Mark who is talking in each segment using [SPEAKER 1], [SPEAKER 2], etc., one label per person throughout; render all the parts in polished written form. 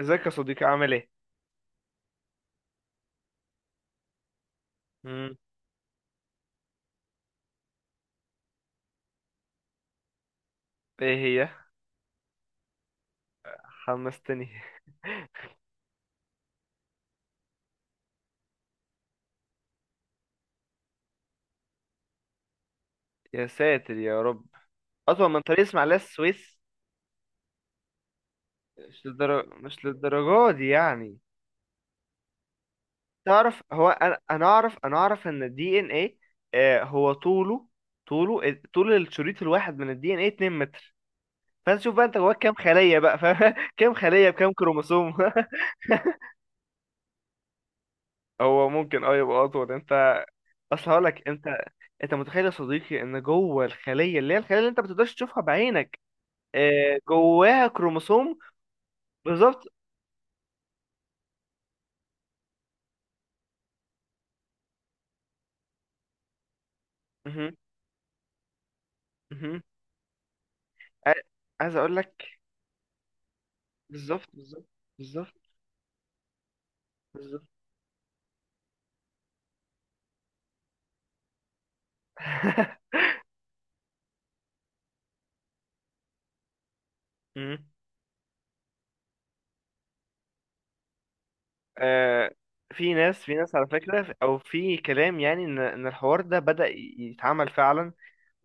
[SPEAKER 1] ازيك يا صديقي؟ عامل ايه؟ مم. ايه هي؟ حمستني. يا ساتر يا رب. اطول من طريق اسماعيليه السويس؟ مش للدرجة، مش للدرجة دي يعني. تعرف، هو انا اعرف، اعرف ان الدي ان ايه هو طوله، طوله، طول الشريط الواحد من الدي ان ايه 2 متر. فانت شوف بقى، انت جواك كام خلية بقى، فاهم؟ كام خلية بكام كروموسوم؟ هو ممكن، اه، يبقى اطول. انت اصل هقول لك. انت انت متخيل يا صديقي ان جوه الخليه، اللي هي الخليه اللي انت ما بتقدرش تشوفها بعينك، جواها كروموسوم؟ بالظبط. مهم، مهم. ع- عايز اقول لك. بالظبط، بالظبط، بالظبط، بالظبط. مم. آه، في ناس على فكره، او في كلام يعني ان الحوار ده بدأ يتعمل فعلا،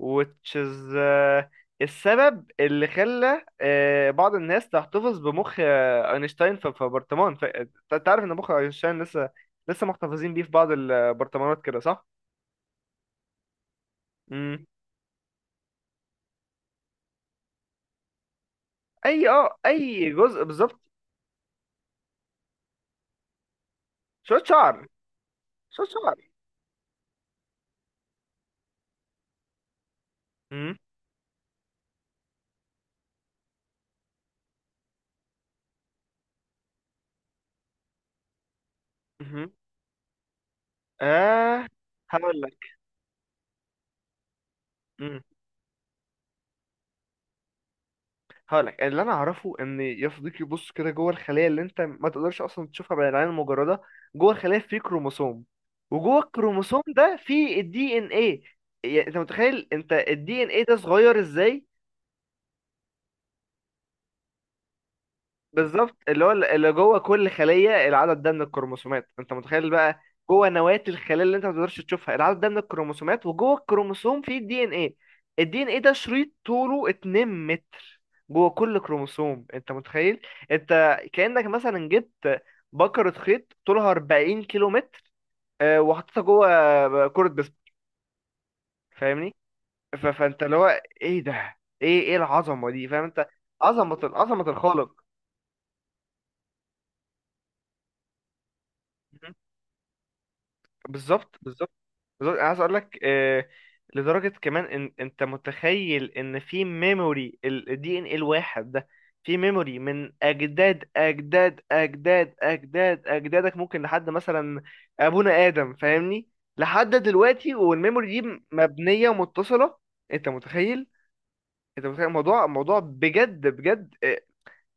[SPEAKER 1] which is، السبب اللي خلى بعض الناس تحتفظ بمخ اينشتاين في برطمان. انت عارف ان مخ اينشتاين لسه، لسه محتفظين بيه في بعض البرطمانات كده، صح؟ امم. اي، اه، اي جزء بالظبط. شوية شعر، شوية شعر. امم، امم، اه. هقول لك، هقولك اللي انا اعرفه، ان يا صديقي بص كده، جوه الخليه اللي انت ما تقدرش اصلا تشوفها بالعين المجرده، جوه الخليه في كروموسوم، وجوه الكروموسوم ده في الدي ان ايه. يعني انت متخيل انت الدي ان ايه ده صغير ازاي؟ بالظبط. اللي هو اللي جوه كل خلية العدد ده من الكروموسومات، انت متخيل بقى؟ جوه نواة الخلية اللي انت ما تقدرش تشوفها، العدد ده من الكروموسومات، وجوه الكروموسوم فيه الدي ان ايه. الدي ان ايه ده شريط طوله 2 متر جوه كل كروموسوم، انت متخيل؟ انت كأنك مثلا جبت بكرة خيط طولها 40 كيلو متر، اه، وحطيتها جوه كرة بيسبول، فاهمني؟ فانت اللي هو ايه ده، ايه العظمة دي، فاهم انت؟ عظمة الخالق. مهم. بالظبط، بالظبط. بالظبط، انا عايز اقول لك، لدرجه كمان ان انت متخيل ان في ميموري الدي ان ايه الواحد ده، في ميموري من اجداد اجدادك، ممكن لحد مثلا ابونا ادم، فاهمني؟ لحد دلوقتي، والميموري دي مبنيه ومتصله. انت متخيل؟ انت متخيل الموضوع موضوع بجد بجد؟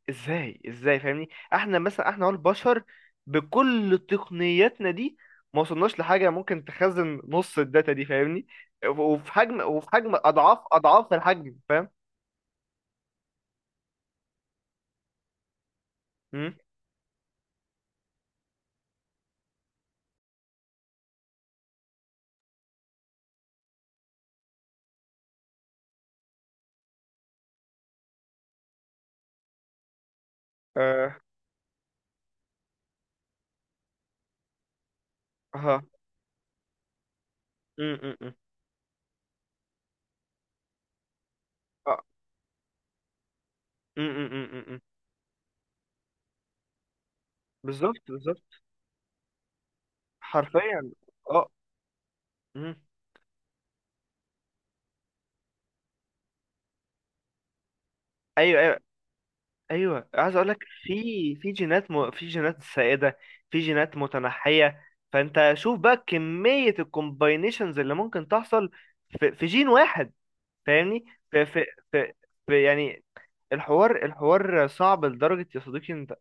[SPEAKER 1] ازاي، ازاي، فاهمني؟ احنا مثلا، احنا هو البشر بكل تقنياتنا دي ما وصلناش لحاجه ممكن تخزن نص الداتا دي، فاهمني؟ وفي حجم، وفي حجم اضعاف اضعاف الحجم، فاهم؟ امم، اه، ها، امم، امم، أمم. آه. أمم، أمم، أمم، أمم. بالظبط، بالظبط، حرفيا، اه، أمم. ايوه، ايوه، ايوه، عايز اقول لك، في جينات سائده، في جينات متنحيه، فانت شوف بقى كميه الكومباينيشنز اللي ممكن تحصل في جين واحد، فاهمني؟ في... في... في... في يعني، الحوار صعب لدرجه، يا صديقي انت،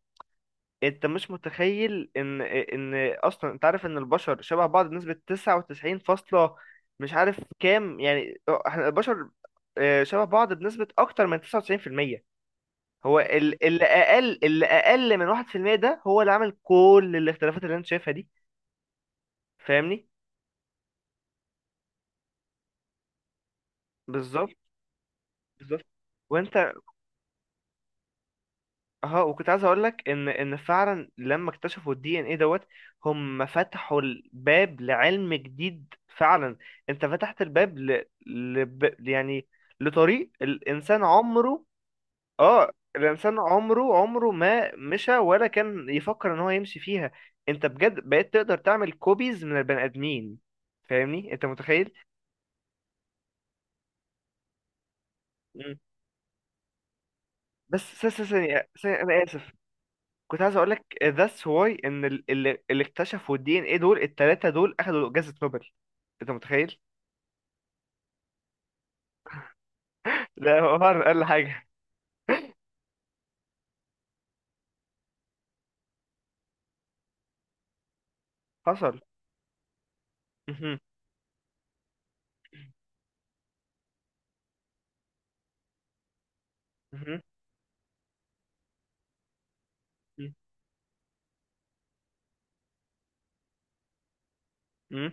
[SPEAKER 1] انت مش متخيل ان اصلا انت عارف ان البشر شبه بعض بنسبه 99 فاصله، مش عارف كام، يعني احنا البشر، شبه بعض بنسبه اكتر من 99%. هو اللي اقل، اللي اقل من 1% ده هو اللي عمل كل الاختلافات اللي انت شايفها دي، فاهمني؟ بالظبط، بالظبط. وانت، اه، وكنت عايز اقول لك ان فعلا لما اكتشفوا الدي ان ايه دوت، هم فتحوا الباب لعلم جديد فعلا. انت فتحت الباب يعني لطريق الانسان عمره، اه، الانسان عمره، عمره ما مشى ولا كان يفكر ان هو يمشي فيها. انت بجد بقيت تقدر تعمل كوبيز من البني ادمين، فاهمني؟ انت متخيل؟ مم. بس ثانية انا اسف. كنت عايز اقول لك that's why ان اللي اكتشفوا الدي ان ايه دول، التلاتة دول اخدوا جائزة نوبل، انت متخيل؟ لا هو، اقل حاجة. حصل؟ مهم. مهم. مهم.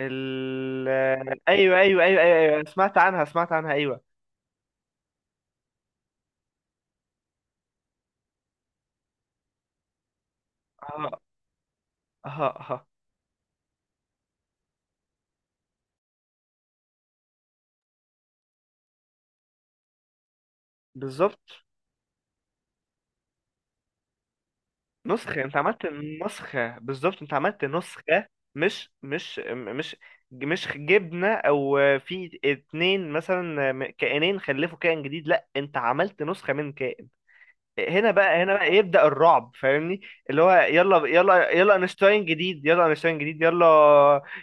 [SPEAKER 1] ال، ايوه، ايوه، ايوه، ايوه، أيوة. أيوه، سمعت عنها، سمعت عنها، ايوه. اه، اه، اه، بالظبط. نسخة انت عملت، نسخة بالظبط، انت عملت نسخة. مش مش مش مش جبنة، او في اتنين مثلا كائنين خلفوا كائن جديد، لا انت عملت نسخة من كائن. هنا بقى، هنا بقى يبدأ الرعب، فاهمني؟ اللي هو يلا، يلا، يلا اينشتاين جديد، يلا اينشتاين جديد، يلا،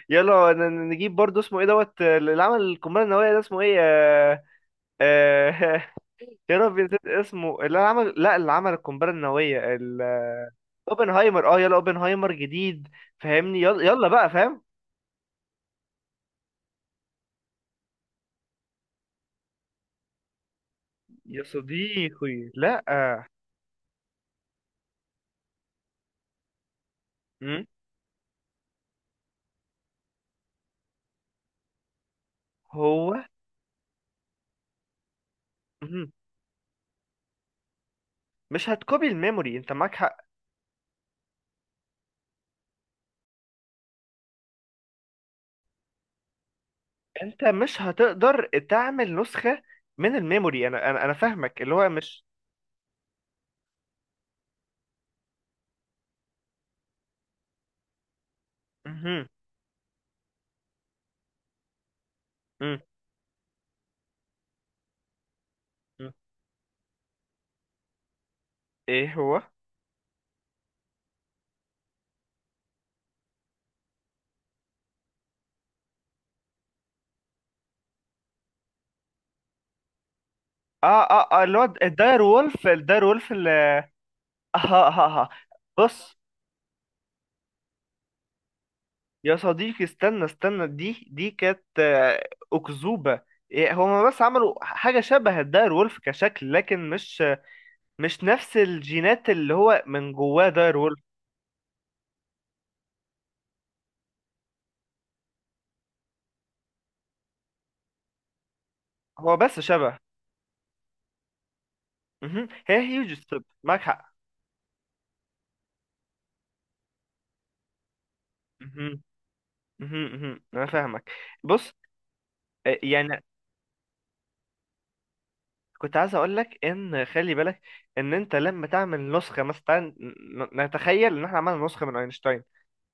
[SPEAKER 1] يلا، نجيب برضه اسمه ايه دوت، اللي عمل القنبلة النووية ده اسمه ايه، آه، يا ربي نسيت اسمه، اللي عمل، لا اللي عمل القنبلة النووية. اوبنهايمر، اه، يلا اوبنهايمر جديد، فاهمني؟ يلا، يلا بقى، فاهم؟ يا صديقي لا. مم. هو، مم، مش هتكوبي الميموري، انت معاك حق. انت مش هتقدر تعمل نسخة من الميموري. انا فاهمك، اللي هو مش، مهم. مم. مم. ايه هو؟ اه، اه، اه، اللي هو الداير وولف، الداير وولف اللي اه، اه، اه، آه. بص يا صديقي، استنى استنى، دي كانت أكذوبة. إيه، هما بس عملوا حاجة شبه الداير وولف كشكل، لكن مش، مش نفس الجينات اللي هو من جواه داير وولف. هو بس شبه. مهم. هي هيوج ستيب، معاك حق. مهم. مهم. مهم. أنا فاهمك. بص، يعني كنت عايز أقول لك إن خلي بالك، إن أنت لما تعمل نسخة، مثلا تعال نتخيل إن إحنا عملنا نسخة من أينشتاين.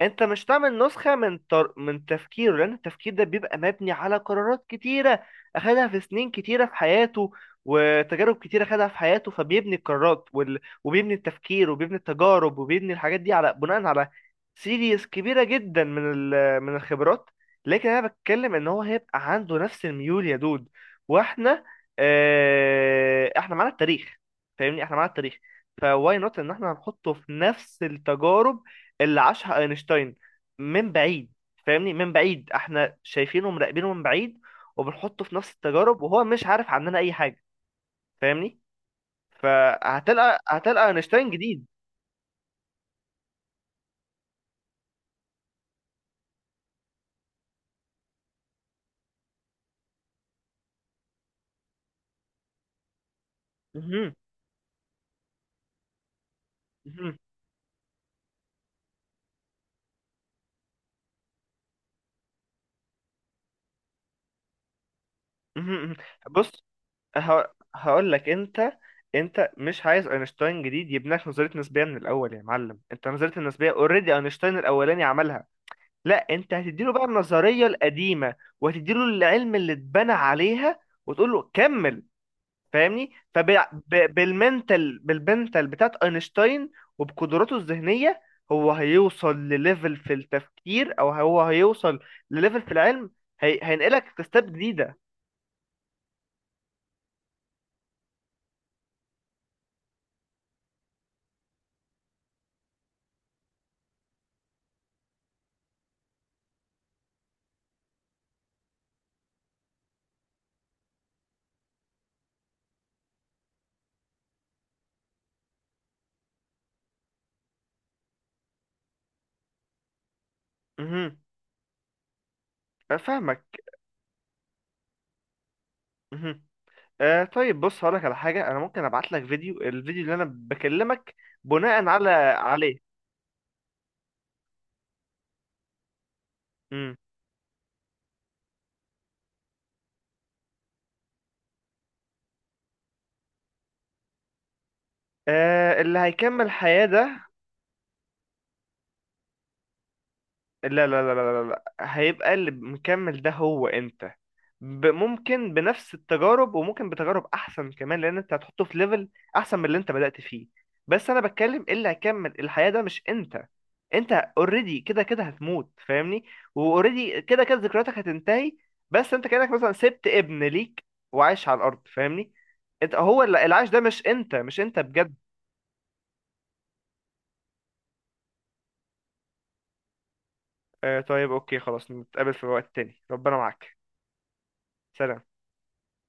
[SPEAKER 1] انت مش تعمل نسخة من تفكيره، لان التفكير ده بيبقى مبني على قرارات كتيرة اخدها في سنين كتيرة في حياته، وتجارب كتيرة اخدها في حياته، فبيبني القرارات وبيبني التفكير وبيبني التجارب وبيبني الحاجات دي على، بناء على سيريز كبيرة جدا من الخبرات. لكن انا بتكلم ان هو هيبقى عنده نفس الميول يا دود. واحنا، اه، احنا معانا التاريخ، فاهمني؟ احنا معانا التاريخ، فواي نوت ان احنا هنحطه في نفس التجارب اللي عاشها اينشتاين، من بعيد، فاهمني؟ من بعيد احنا شايفينه ومراقبينه من بعيد، وبنحطه في نفس التجارب، وهو مش عارف عننا اي حاجه، فاهمني؟ فهتلقى، هتلقى اينشتاين جديد. مهم. مهم. مهم. بص، ه... هقول لك. انت انت مش عايز اينشتاين جديد يبني لك نظريه نسبيه من الاول يا معلم، انت نظريه النسبيه اوريدي اينشتاين الاولاني عملها. لا انت هتديله بقى النظريه القديمه وهتديله العلم اللي اتبنى عليها وتقول له كمل، فاهمني؟ بالمنتال بتاعت اينشتاين وبقدراته الذهنيه، هو هيوصل لليفل في التفكير، او هو هيوصل لليفل في العلم. هينقلك لستاب جديده. امم، فاهمك. امم، آه طيب بص، هقولك على حاجه. انا ممكن ابعت لك فيديو، الفيديو اللي انا بكلمك بناء عليه. امم، آه اللي هيكمل حياه ده؟ لا. هيبقى اللي مكمل ده هو انت، ممكن بنفس التجارب وممكن بتجارب احسن كمان، لان انت هتحطه في ليفل احسن من اللي انت بدأت فيه. بس انا بتكلم، إيه، اللي هيكمل الحياة ده مش انت، انت اوريدي كده كده هتموت، فاهمني؟ واوريدي كده كده ذكرياتك هتنتهي، بس انت كأنك مثلا سبت ابن ليك وعايش على الارض، فاهمني؟ انت هو اللي، العيش ده مش انت، مش انت بجد. آه طيب اوكي، خلاص نتقابل في وقت تاني، ربنا معاك. سلام.